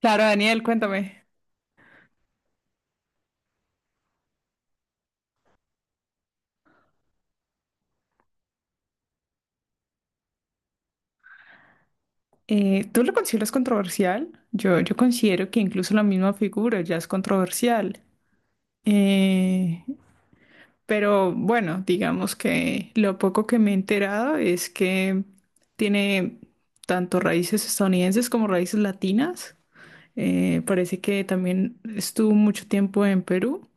Claro, Daniel, cuéntame. ¿Tú lo consideras controversial? Yo considero que incluso la misma figura ya es controversial. Eh, pero bueno, digamos que lo poco que me he enterado es que tiene tanto raíces estadounidenses como raíces latinas. Parece que también estuvo mucho tiempo en Perú.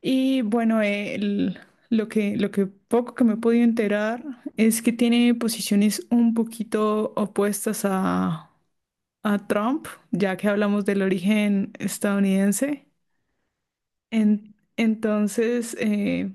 Y bueno, lo que poco que me he podido enterar es que tiene posiciones un poquito opuestas a Trump, ya que hablamos del origen estadounidense. Entonces,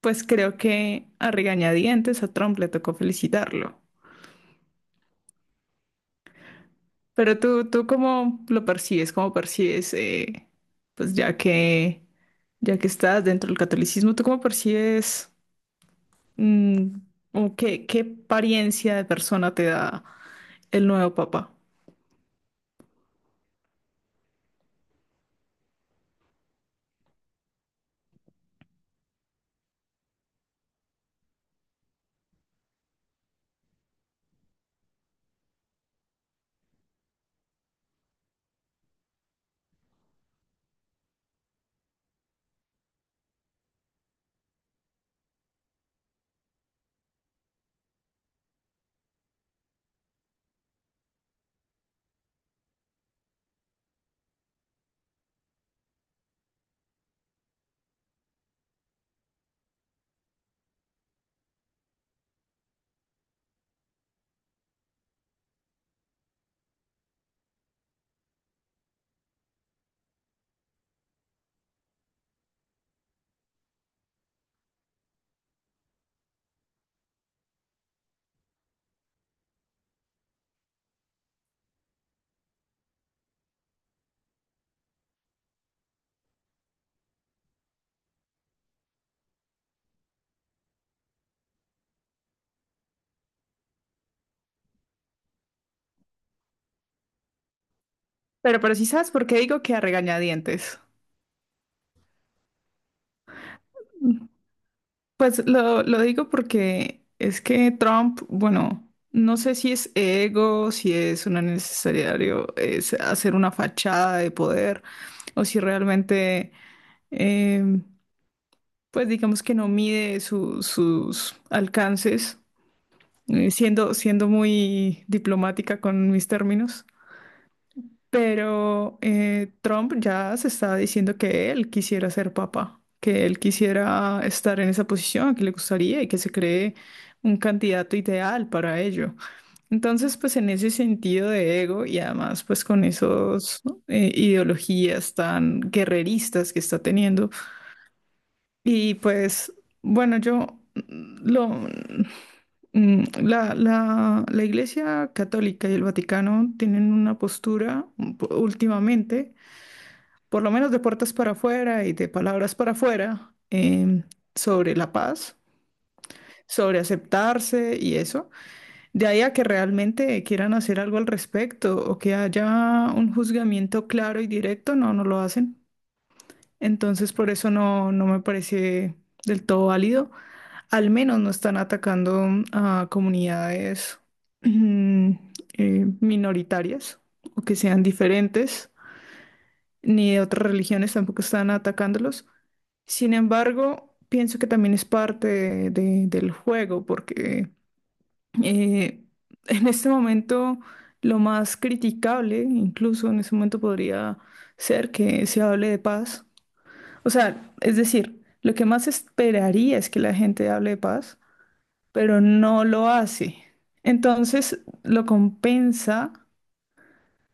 pues creo que a regañadientes a Trump le tocó felicitarlo. Pero tú ¿cómo lo percibes? ¿Cómo percibes, pues ya que estás dentro del catolicismo, tú cómo percibes? Mm, ¿O qué, qué apariencia de persona te da el nuevo papá? Pero sí sabes por qué digo que a regañadientes. Mm, Pues lo digo porque es que Trump, bueno, no sé si es ego, si es una necesario es hacer una fachada de poder, o si realmente, eh, pues digamos que no mide sus alcances, siendo muy diplomática con mis términos. Pero Trump ya se está diciendo que él quisiera ser papa, que él quisiera estar en esa posición, que le gustaría y que se cree un candidato ideal para ello. Entonces, pues en ese sentido de ego y además pues con esos ¿no? Ideologías tan guerreristas que está teniendo. Y pues bueno, yo lo la Iglesia Católica y el Vaticano tienen una postura últimamente por lo menos de puertas para afuera y de palabras para afuera, sobre la paz, sobre aceptarse y eso, de ahí a que realmente quieran hacer algo al respecto o que haya un juzgamiento claro y directo, no, no lo hacen. Entonces, por eso no, no me parece del todo válido. Al menos no están atacando a comunidades mm, minoritarias o que sean diferentes ni de otras religiones tampoco están atacándolos. Sin embargo, pienso que también es parte del juego, porque eh, en este momento lo más criticable, incluso en este momento podría ser que se hable de paz. O sea, es decir, lo que más esperaría es que la gente hable de paz, pero no lo hace. Entonces lo compensa.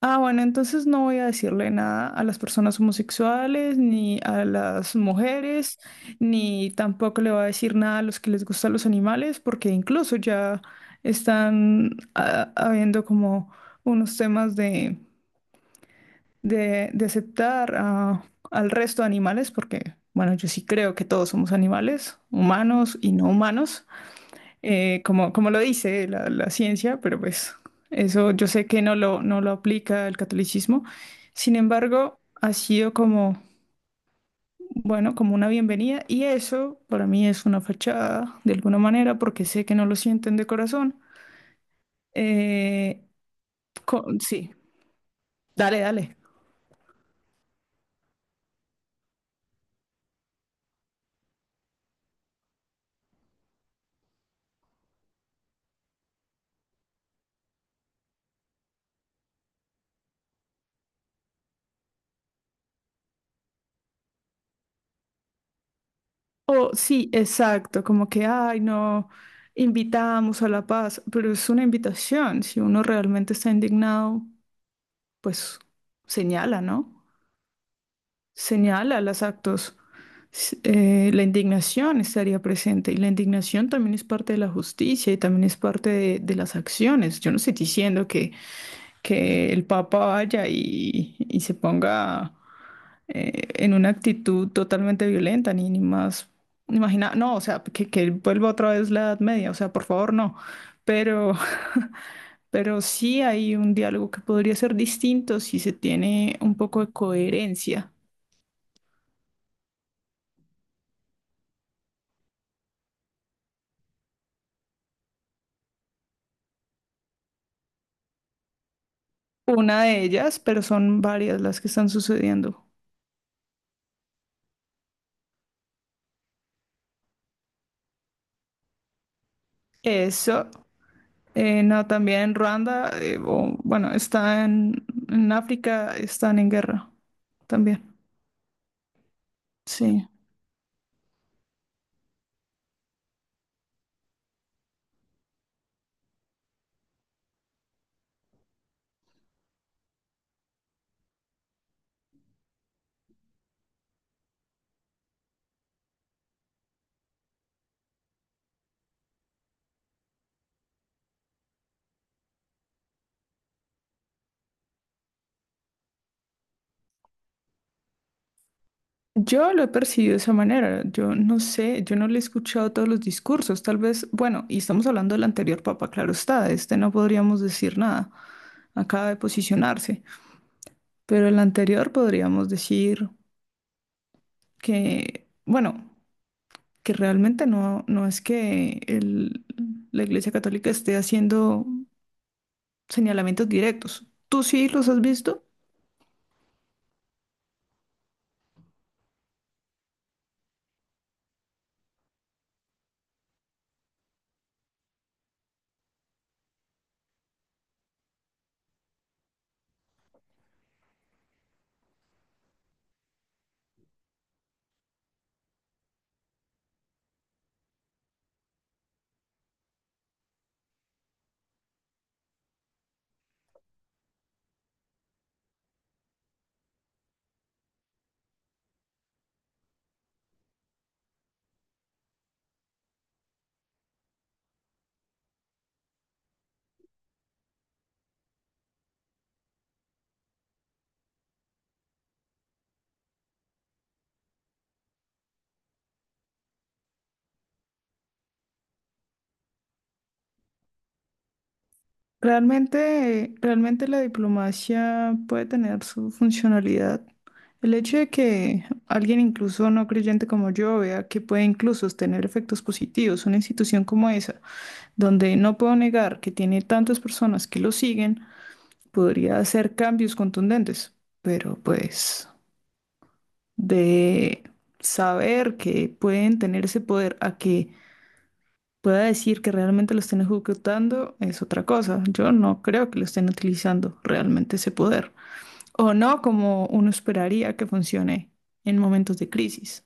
Ah, bueno, entonces no voy a decirle nada a las personas homosexuales, ni a las mujeres, ni tampoco le voy a decir nada a los que les gustan los animales, porque incluso ya están habiendo como unos temas de aceptar al resto de animales, porque, bueno, yo sí creo que todos somos animales, humanos y no humanos como, como lo dice la, la ciencia, pero pues eso yo sé que no lo, no lo aplica el catolicismo. Sin embargo, ha sido como, bueno, como una bienvenida y eso para mí es una fachada de alguna manera porque sé que no lo sienten de corazón. Eh, sí, dale, dale. O sí, exacto, como que, ay, no, invitamos a la paz, pero es una invitación. Si uno realmente está indignado, pues señala, ¿no? Señala los actos. La indignación estaría presente y la indignación también es parte de la justicia y también es parte de las acciones. Yo no estoy diciendo que el Papa vaya y se ponga en una actitud totalmente violenta, ni, ni más. Imagina, no, o sea, que vuelva otra vez la Edad Media, o sea, por favor, no. Pero, pero sí hay un diálogo que podría ser distinto si se tiene un poco de coherencia. Una de ellas, pero son varias las que están sucediendo. Eso, no, también en Ruanda, bueno, está en África, están en guerra también. Sí. Yo lo he percibido de esa manera. Yo no sé, yo no le he escuchado todos los discursos. Tal vez, bueno, y estamos hablando del anterior papa, claro está, de este no podríamos decir nada. Acaba de posicionarse. Pero el anterior podríamos decir que, bueno, que realmente no, no es que la Iglesia Católica esté haciendo señalamientos directos. ¿Tú sí los has visto? Realmente, realmente la diplomacia puede tener su funcionalidad. El hecho de que alguien incluso no creyente como yo vea que puede incluso tener efectos positivos, una institución como esa, donde no puedo negar que tiene tantas personas que lo siguen, podría hacer cambios contundentes, pero pues... de saber que pueden tener ese poder a que pueda decir que realmente lo estén ejecutando es otra cosa. Yo no creo que lo estén utilizando realmente ese poder. O no como uno esperaría que funcione en momentos de crisis.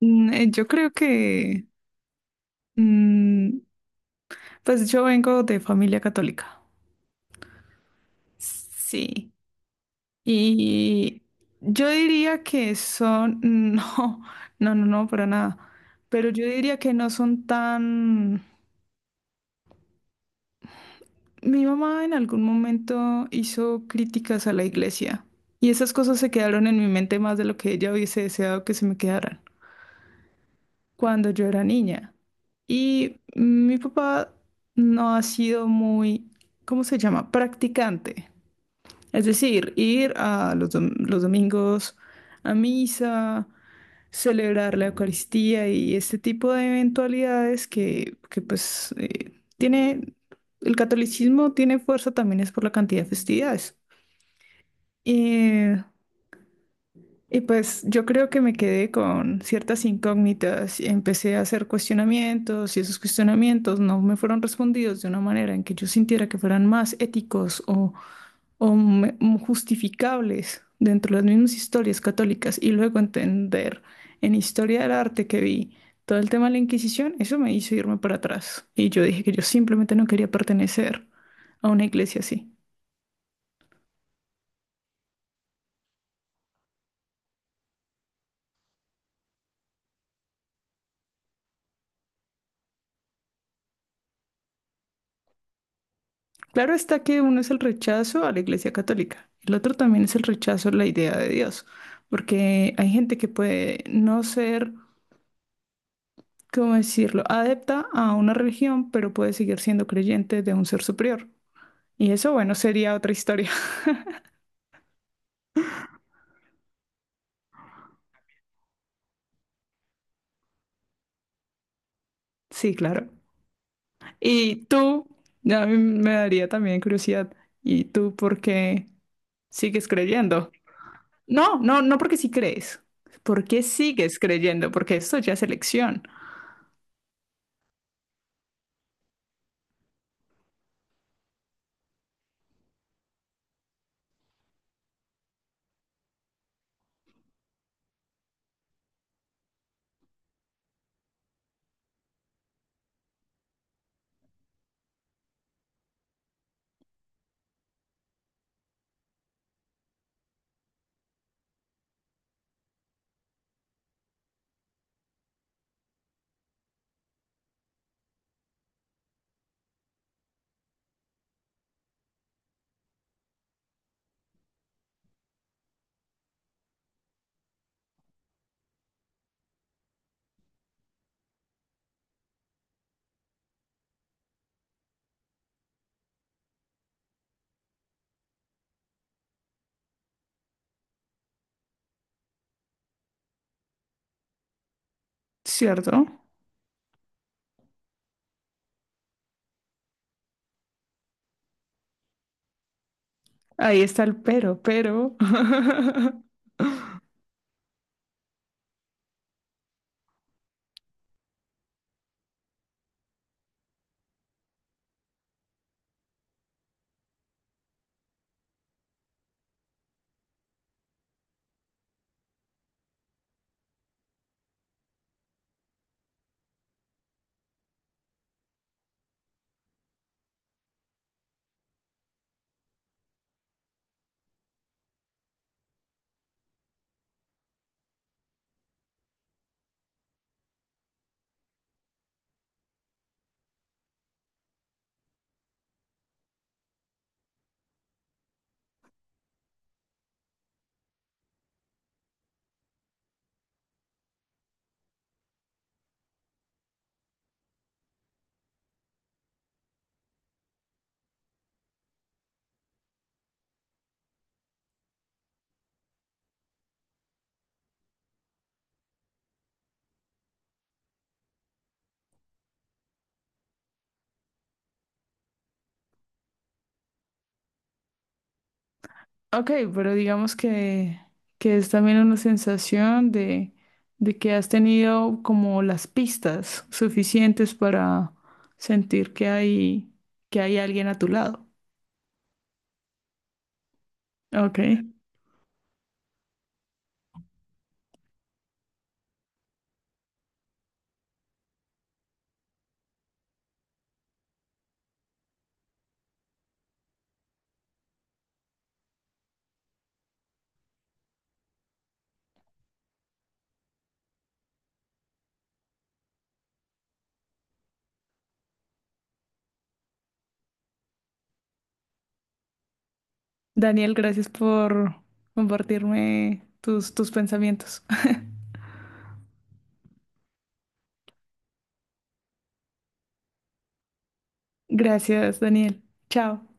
Yo creo que, mm, pues yo vengo de familia católica. Sí. Y yo diría que son, no, para nada. Pero yo diría que no son tan... Mi mamá en algún momento hizo críticas a la iglesia y esas cosas se quedaron en mi mente más de lo que ella hubiese deseado que se me quedaran cuando yo era niña. Y mi papá no ha sido muy, ¿cómo se llama? Practicante. Es decir, ir a los, los domingos a misa, celebrar la Eucaristía y este tipo de eventualidades que, pues tiene, el catolicismo tiene fuerza también es por la cantidad de festividades. Y, y pues yo creo que me quedé con ciertas incógnitas y empecé a hacer cuestionamientos y esos cuestionamientos no me fueron respondidos de una manera en que yo sintiera que fueran más éticos o justificables dentro de las mismas historias católicas y luego entender en historia del arte que vi todo el tema de la Inquisición, eso me hizo irme para atrás. Y yo dije que yo simplemente no quería pertenecer a una iglesia así. Claro está que uno es el rechazo a la iglesia católica, el otro también es el rechazo a la idea de Dios, porque hay gente que puede no ser, ¿cómo decirlo?, adepta a una religión, pero puede seguir siendo creyente de un ser superior. Y eso, bueno, sería otra historia. Sí, claro. Y tú, a mí me daría también curiosidad. ¿Y tú por qué sigues creyendo? No, no, no porque sí crees. ¿Por qué sigues creyendo? Porque esto ya es elección, ¿cierto? Ahí está el pero, pero. Ok, pero digamos que es también una sensación de que has tenido como las pistas suficientes para sentir que hay alguien a tu lado. Ok. Daniel, gracias por compartirme tus, tus pensamientos. Gracias, Daniel. Chao.